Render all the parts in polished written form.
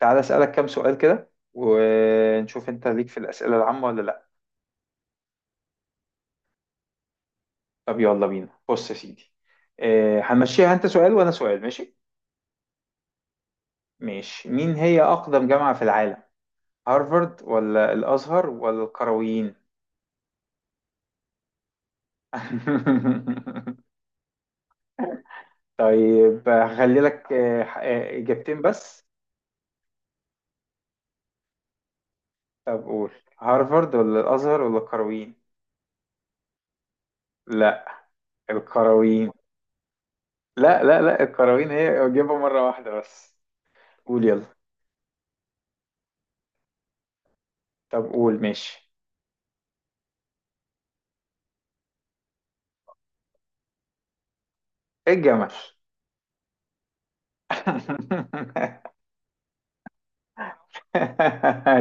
تعالى أسألك كام سؤال كده، ونشوف أنت ليك في الأسئلة العامة ولا لأ؟ طب يلا بينا. بص يا سيدي. هنمشيها أنت سؤال وأنا سؤال، ماشي؟ ماشي. مين هي أقدم جامعة في العالم؟ هارفارد ولا الأزهر ولا القرويين؟ طيب هخلي لك إجابتين بس. طب قول، هارفارد ولا الأزهر ولا القرويين؟ لا القرويين. لا لا لا، القرويين هي، أجيبها مرة واحدة بس. قول يلا. طب قول. ماشي. إيه الجمل.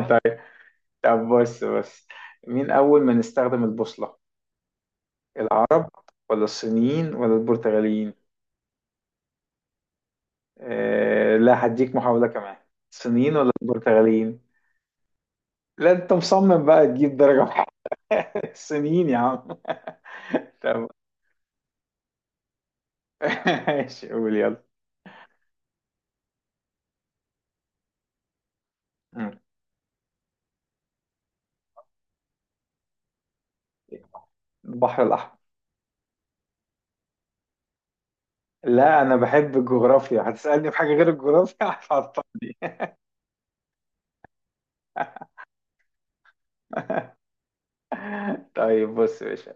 طيب. طب بص بص. مين أول من استخدم البوصلة؟ العرب ولا الصينيين ولا البرتغاليين؟ آه لا، هديك محاولة كمان. الصينيين ولا البرتغاليين؟ لا أنت مصمم بقى تجيب درجة واحدة. الصينيين يا عم. طب. ماشي قول يلا. مم. البحر الأحمر. لا أنا بحب الجغرافيا، هتسألني في حاجة غير الجغرافيا هتعطلني. طيب بص يا باشا.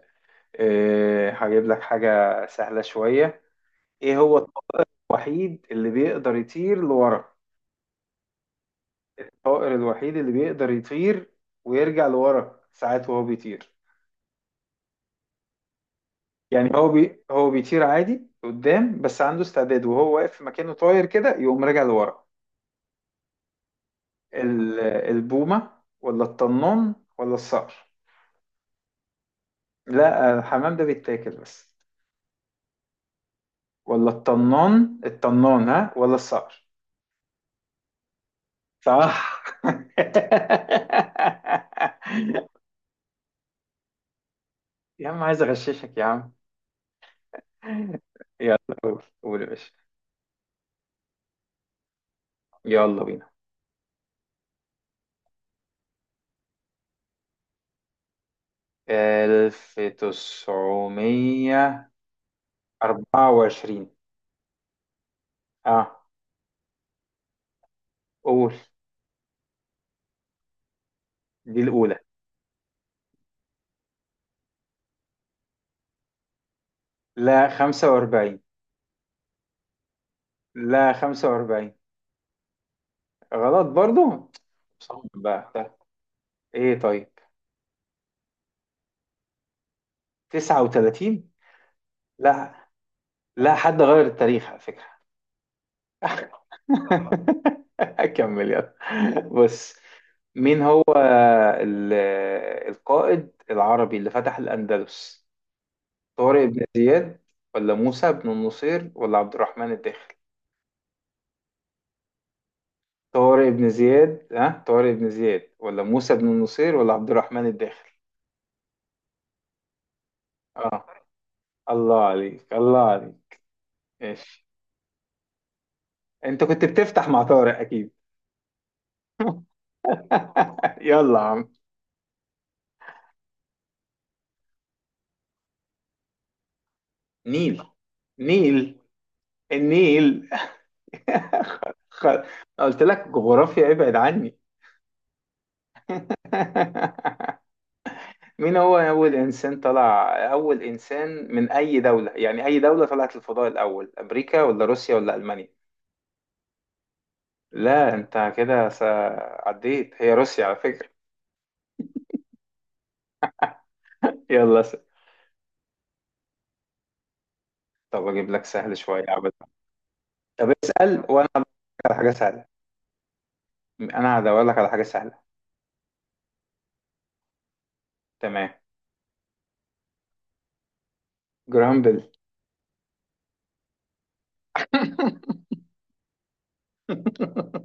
إيه، هجيب لك حاجة سهلة شوية. ايه هو الطائر الوحيد اللي بيقدر يطير لورا؟ الطائر الوحيد اللي بيقدر يطير ويرجع لورا ساعات وهو بيطير. يعني هو بيطير عادي قدام، بس عنده استعداد وهو واقف في مكانه طاير كده يقوم راجع لورا. البومة ولا الطنان ولا الصقر؟ لا الحمام ده بيتاكل بس. ولا الطنان، الطنان ها، ولا الصقر؟ صح. يا عم عايز اغششك يا عم. يلا قول يا باشا. يلا بينا. 1924. اه قول، دي الأولى. لا 45. لا 45. غلط برضو. صعب بقى ده. ايه طيب. 39. لا لا، حد غير التاريخ على فكرة. اكمل يلا. بص، مين هو ال- القائد العربي اللي فتح الأندلس؟ طارق بن زياد ولا موسى بن النصير ولا عبد الرحمن الداخل؟ طارق بن زياد، ها، طارق بن زياد ولا موسى بن النصير ولا عبد الرحمن الداخل؟ اه، الله عليك الله عليك. ماشي. انت كنت بتفتح مع طارق اكيد. يلا يا عم. نيل. نيل. النيل. خ... قلت لك جغرافيا ابعد عني. مين هو أول إنسان من أي دولة، يعني أي دولة طلعت الفضاء الأول، أمريكا ولا روسيا ولا ألمانيا؟ لا أنت كده عديت، هي روسيا على فكرة. يلا طب أجيب لك سهل شوية عبد. طب اسأل وأنا هدور لك على حاجة سهلة. أنا هدور لك على حاجة سهلة. تمام. جرامبل.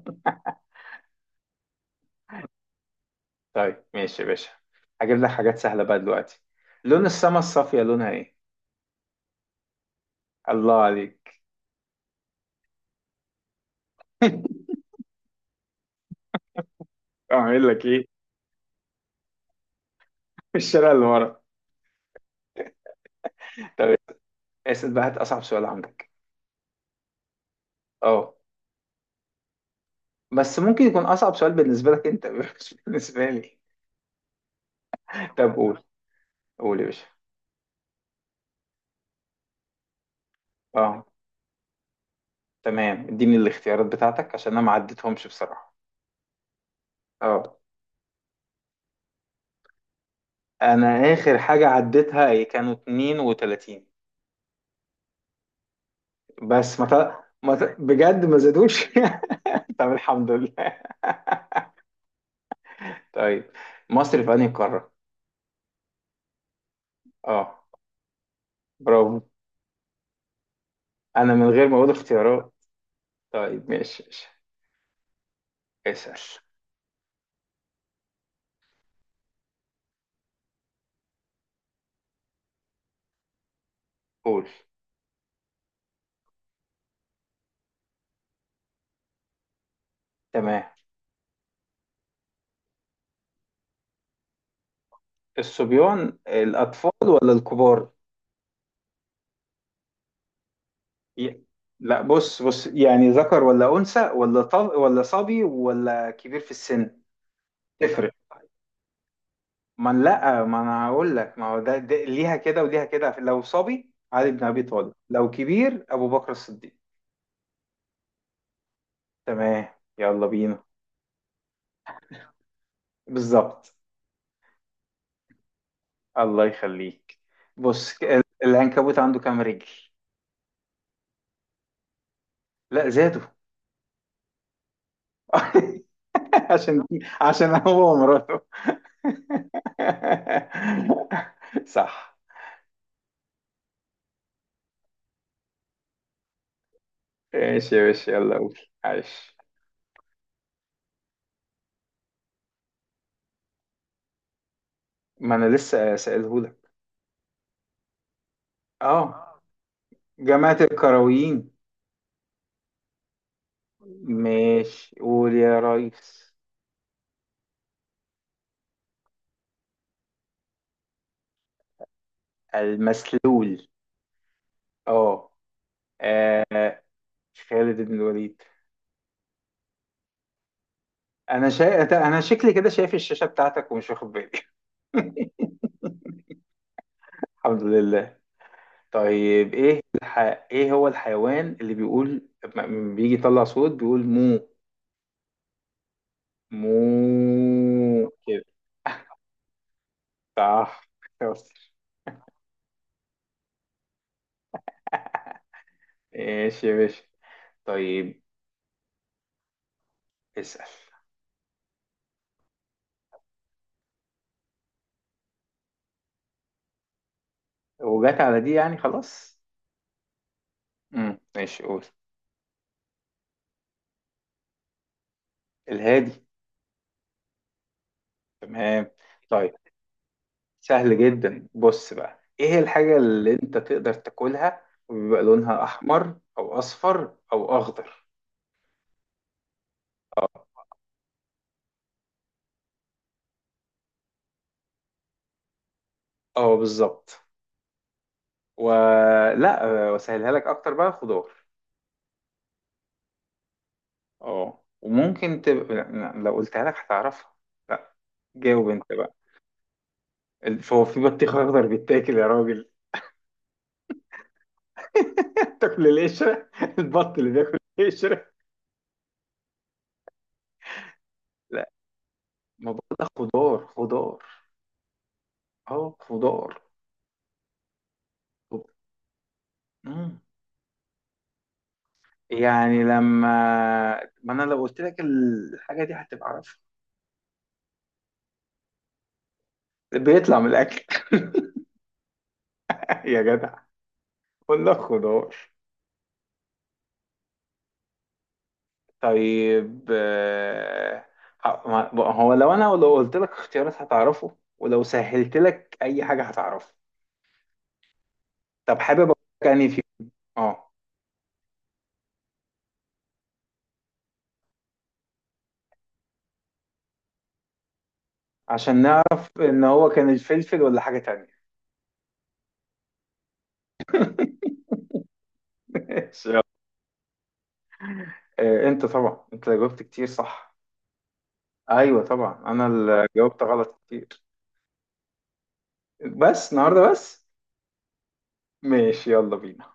طيب ماشي يا باشا. هجيب لك حاجات سهلة بقى دلوقتي. لون السما الصافية لونها ايه؟ الله عليك. اعمل لك ايه؟ في الشارع اللي ورا. طب اسأل بقى، هات أصعب سؤال عندك. اه. بس ممكن يكون أصعب سؤال بالنسبة لك أنت مش بالنسبة لي. طب قول. قول يا باشا. اه تمام، اديني الاختيارات بتاعتك عشان أنا ما عديتهمش بصراحة. اه. أنا آخر حاجة عديتها هي كانوا 32. بس ما ت... ما ت... بجد ما زادوش. طب الحمد لله. طيب. مصر في أنهي قارة؟ اه برافو. أنا من غير ما أقول اختيارات. طيب ماشي ماشي. اسأل. قول. تمام. الصبيان الأطفال ولا الكبار؟ ي- لا بص بص، يعني ذكر ولا أنثى ولا طب ولا صبي ولا كبير في السن؟ تفرق. ما أنا- لا ما أنا هقول لك، ما هو ده, ليها كده وليها كده، لو صبي علي بن أبي طالب، لو كبير أبو بكر الصديق. تمام. يلا بينا. بالظبط. الله يخليك. بص العنكبوت عنده كام رجل؟ لا زادوا. عشان عشان هو ومراته. صح. ماشي يا باشا، يلا قول. عايش. ما انا لسه سألهولك. اه جماعة الكرويين. ماشي قول يا ريس. المسلول. اه، آه، خالد بن الوليد. انا شا... انا شكلي كده شايف الشاشة بتاعتك ومش واخد بالي. الحمد لله. طيب ايه ايه هو الحيوان اللي بيقول لما بيجي يطلع صوت بيقول مو؟ مو كده. صح. شاطر. ماشي يا باشا. طيب. اسأل. وجات على دي يعني خلاص. ماشي قول. الهادي. تمام. طيب سهل جدا. بص بقى، ايه الحاجة اللي انت تقدر تاكلها وبيبقى لونها احمر او اصفر او اخضر؟ اه بالظبط. ولا وسهلها لك اكتر بقى، خضار. اه وممكن تبقى، لا، لو قلتها لك هتعرفها. لا، جاوب انت بقى. هو في بطيخ اخضر بيتاكل يا راجل؟ تاكل القشره؟ البط اللي بياكل القشره. لا، ما بقول لك خضار خضار. اه خضار. خض- مم. يعني لما ما انا لو قلت لك الحاجه دي هتبقى عارفها. بيطلع من الاكل. يا جدع. قول لك خضار. طيب بقى هو لو انا لو قلت لك اختيارات هتعرفه، ولو سهلت لك اي حاجه هتعرفه. طب حابب اقول لك يعني في اه. عشان نعرف ان هو كان الفلفل ولا حاجه تانية. ماشي، يلا. انت طبعا انت جاوبت كتير صح. ايوه طبعا، انا اللي جاوبت غلط كتير. بس النهارده بس. ماشي يلا بينا.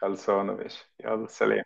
خلصانه ماشي، يلا سلام.